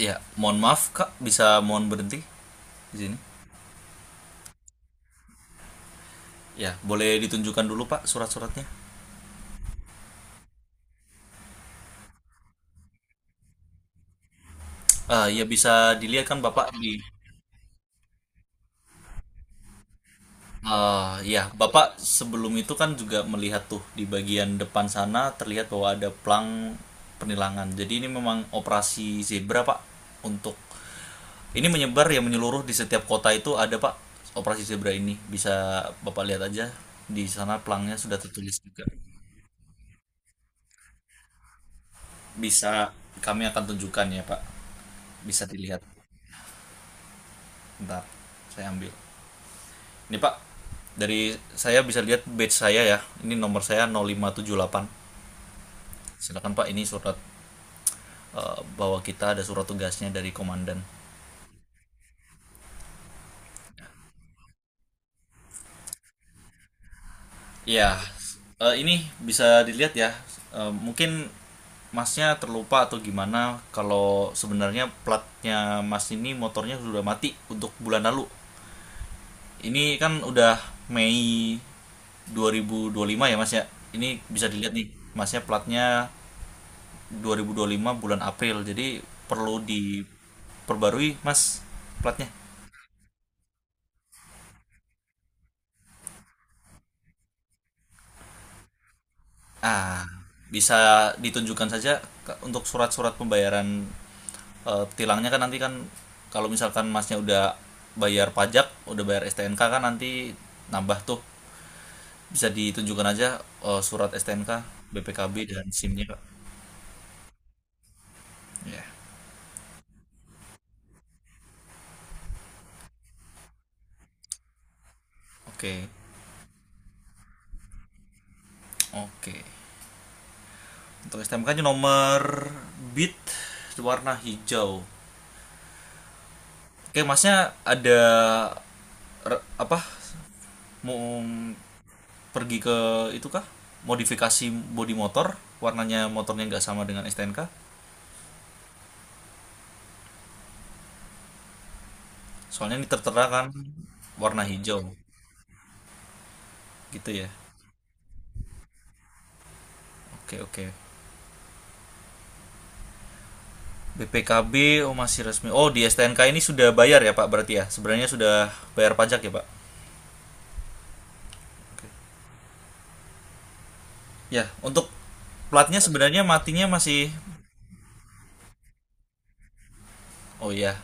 Ya, mohon maaf Kak, bisa mohon berhenti di sini. Ya, boleh ditunjukkan dulu Pak surat-suratnya. Ah, ya bisa dilihat kan Bapak di... Ah, ya, Bapak sebelum itu kan juga melihat tuh di bagian depan sana, terlihat bahwa ada plang penilangan. Jadi ini memang operasi zebra Pak, untuk ini menyebar ya menyeluruh di setiap kota itu ada Pak operasi zebra ini. Bisa Bapak lihat aja di sana plangnya sudah tertulis juga. Bisa kami akan tunjukkan ya Pak. Bisa dilihat. Bentar, saya ambil. Ini Pak, dari saya bisa lihat badge saya ya. Ini nomor saya 0578. Silakan Pak, ini surat bahwa kita ada surat tugasnya dari komandan. Iya, ini bisa dilihat ya. Eh, mungkin Masnya terlupa atau gimana, kalau sebenarnya platnya Mas ini motornya sudah mati untuk bulan lalu. Ini kan udah Mei 2025 ya Mas ya. Ini bisa dilihat nih, Masnya platnya 2025 bulan April. Jadi perlu diperbarui, Mas, platnya. Ah, bisa ditunjukkan saja untuk surat-surat pembayaran tilangnya kan nanti kan kalau misalkan Masnya udah bayar pajak, udah bayar STNK kan nanti nambah tuh. Bisa ditunjukkan aja surat STNK, BPKB dan SIM-nya, Pak. Ya. Oke. Oke. Untuk STMK-nya nomor bit warna hijau. Oke, Masnya ada apa, mau pergi ke itu kah, modifikasi bodi motor? Warnanya motornya nggak sama dengan STNK, soalnya ini tertera kan warna hijau gitu ya. Oke, oke. BPKB oh masih resmi. Oh, di STNK ini sudah bayar ya Pak, berarti ya sebenarnya sudah bayar pajak ya Pak. Oke. Ya untuk platnya sebenarnya matinya masih... oh ya.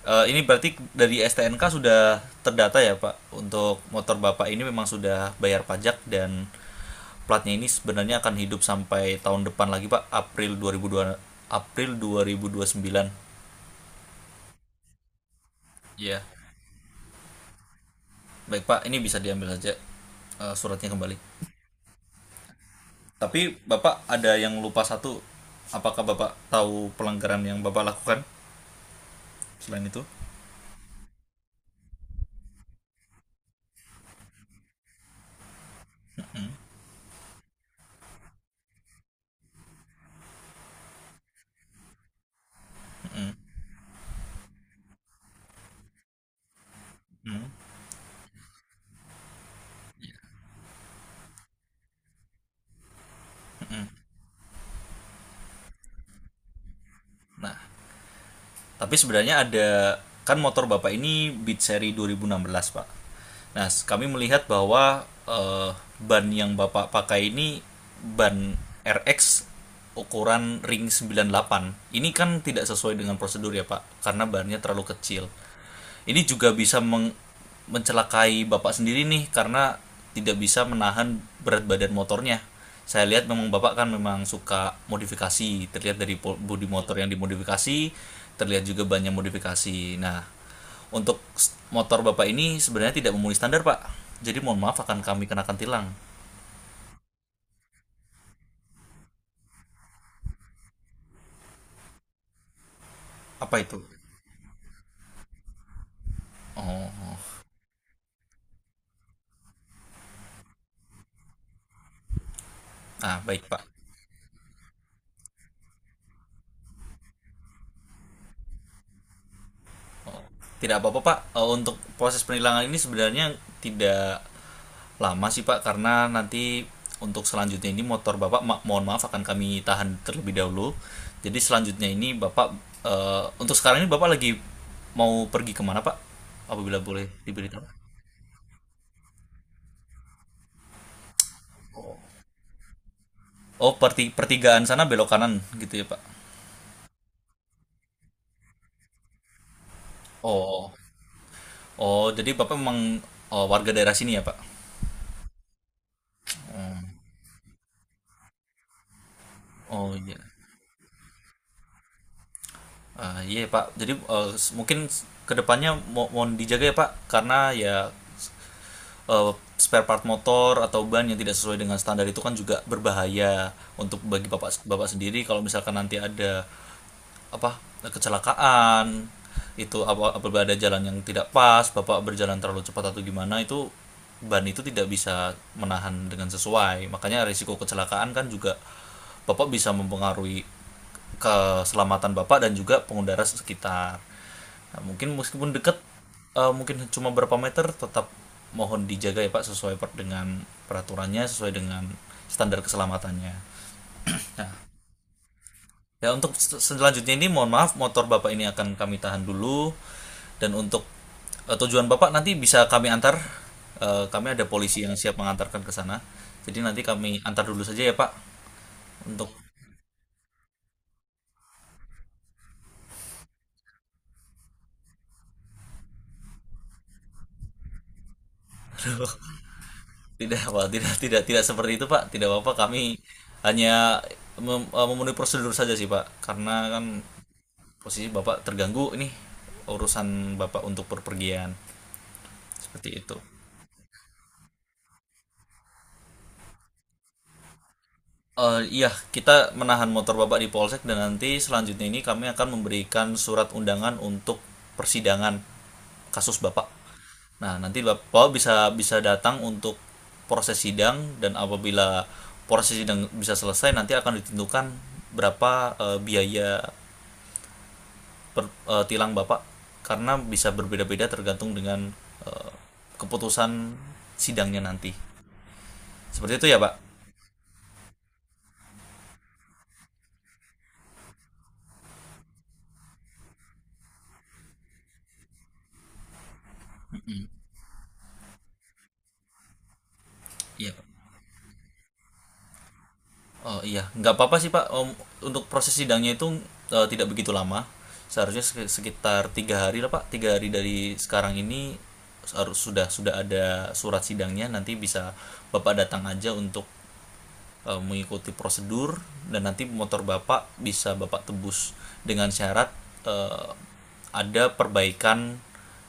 Ini berarti dari STNK sudah terdata ya Pak, untuk motor Bapak ini memang sudah bayar pajak dan platnya ini sebenarnya akan hidup sampai tahun depan lagi Pak, April 2002, April 2029. Iya. Baik Pak, ini bisa diambil saja suratnya kembali. Tapi Bapak ada yang lupa satu. Apakah Bapak tahu pelanggaran yang Bapak lakukan selain itu? Hmm. Nah, tapi sebenarnya ada, kan motor Bapak ini Beat seri 2016, Pak. Nah, kami melihat bahwa ban yang Bapak pakai ini ban RX ukuran ring 98. Ini kan tidak sesuai dengan prosedur ya, Pak, karena bannya terlalu kecil, ini juga bisa mencelakai bapak sendiri nih, karena tidak bisa menahan berat badan motornya. Saya lihat memang bapak kan memang suka modifikasi, terlihat dari bodi motor yang dimodifikasi, terlihat juga banyak modifikasi. Nah, untuk motor bapak ini sebenarnya tidak memenuhi standar pak, jadi mohon maaf akan kami kenakan tilang. Apa itu? Oh. Nah, baik pak. Tidak apa-apa Pak. Eh, untuk proses penilangan ini sebenarnya tidak lama sih Pak, karena nanti untuk selanjutnya ini motor Bapak mohon maaf akan kami tahan terlebih dahulu. Jadi selanjutnya ini Bapak untuk sekarang ini Bapak lagi mau pergi kemana Pak? Apabila boleh diberitahu. Oh, pertigaan sana belok kanan gitu ya Pak. Oh. Oh, jadi Bapak memang, oh, warga daerah sini ya Pak? Oh iya. Ah, iya Pak, jadi mungkin kedepannya mohon dijaga ya Pak, karena ya eh, spare part motor atau ban yang tidak sesuai dengan standar itu kan juga berbahaya untuk bagi Bapak Bapak sendiri, kalau misalkan nanti ada apa, kecelakaan itu, apa, apabila ada jalan yang tidak pas bapak berjalan terlalu cepat atau gimana itu, ban itu tidak bisa menahan dengan sesuai, makanya risiko kecelakaan kan juga bapak bisa mempengaruhi keselamatan bapak dan juga pengendara sekitar. Nah, mungkin meskipun dekat, mungkin cuma berapa meter, tetap mohon dijaga ya pak, sesuai dengan peraturannya, sesuai dengan standar keselamatannya. Nah, ya untuk selanjutnya ini mohon maaf motor Bapak ini akan kami tahan dulu, dan untuk tujuan Bapak nanti bisa kami antar. Eh, kami ada polisi yang siap mengantarkan ke sana. Jadi nanti kami antar dulu saja ya Pak untuk... Tidak Pak, tidak tidak tidak seperti itu Pak. Tidak apa-apa, kami hanya memenuhi prosedur saja sih Pak, karena kan posisi Bapak terganggu, ini urusan Bapak untuk perpergian seperti itu. Eh, iya, kita menahan motor bapak di polsek dan nanti selanjutnya ini kami akan memberikan surat undangan untuk persidangan kasus bapak. Nah, nanti bapak bisa bisa datang untuk proses sidang, dan apabila proses sidang bisa selesai, nanti akan ditentukan berapa biaya tilang bapak, karena bisa berbeda-beda tergantung dengan eh, keputusan sidangnya nanti. Seperti itu ya, Pak? Iya, Pak. Oh iya, nggak apa-apa sih Pak. Om, untuk proses sidangnya itu tidak begitu lama. Seharusnya sekitar 3 hari lah Pak. 3 hari dari sekarang ini harus sudah ada surat sidangnya. Nanti bisa Bapak datang aja untuk mengikuti prosedur, dan nanti motor Bapak bisa Bapak tebus dengan syarat eh, ada perbaikan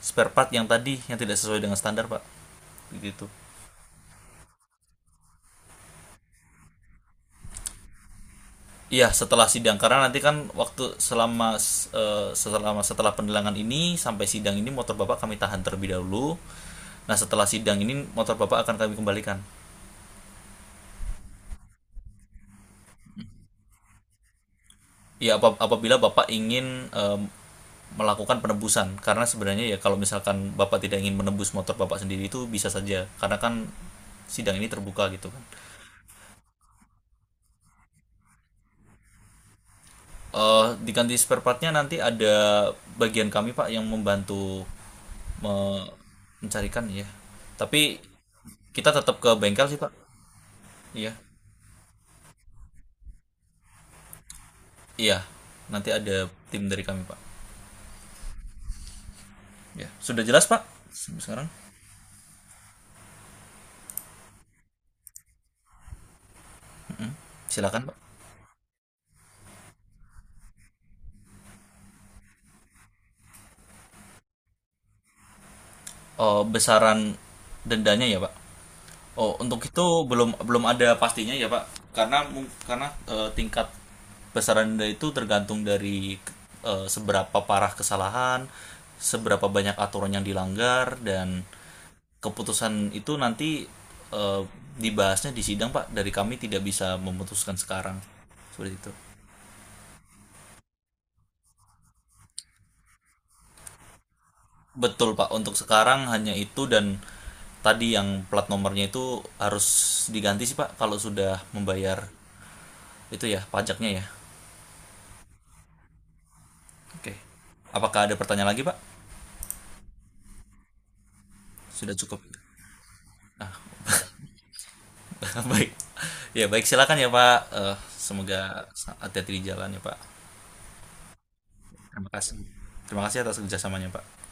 spare part yang tadi yang tidak sesuai dengan standar Pak. Begitu. Iya, setelah sidang, karena nanti kan waktu selama selama setelah pendelangan ini sampai sidang ini motor Bapak kami tahan terlebih dahulu. Nah, setelah sidang ini motor Bapak akan kami kembalikan. Ya apabila Bapak ingin melakukan penebusan, karena sebenarnya ya kalau misalkan Bapak tidak ingin menebus motor Bapak sendiri itu bisa saja, karena kan sidang ini terbuka gitu kan. Eh, diganti spare partnya nanti ada bagian kami Pak yang membantu me- mencarikan ya. Tapi kita tetap ke bengkel sih Pak. Iya, iya. Nanti ada tim dari kami Pak. Ya, sudah jelas Pak. Sekarang silakan Pak. Oh, besaran dendanya ya Pak. Oh, untuk itu belum belum ada pastinya ya, Pak. Karena karena tingkat besaran denda itu tergantung dari seberapa parah kesalahan, seberapa banyak aturan yang dilanggar, dan keputusan itu nanti eh, dibahasnya di sidang, Pak. Dari kami tidak bisa memutuskan sekarang. Seperti itu. Betul, Pak. Untuk sekarang hanya itu, dan tadi yang plat nomornya itu harus diganti sih, Pak, kalau sudah membayar itu ya pajaknya ya. Oke. Apakah ada pertanyaan lagi, Pak? Sudah cukup. Baik. Ya, baik silakan ya, Pak. Eh, semoga hati-hati di jalan ya, Pak. Terima kasih. Terima kasih atas kerjasamanya, Pak.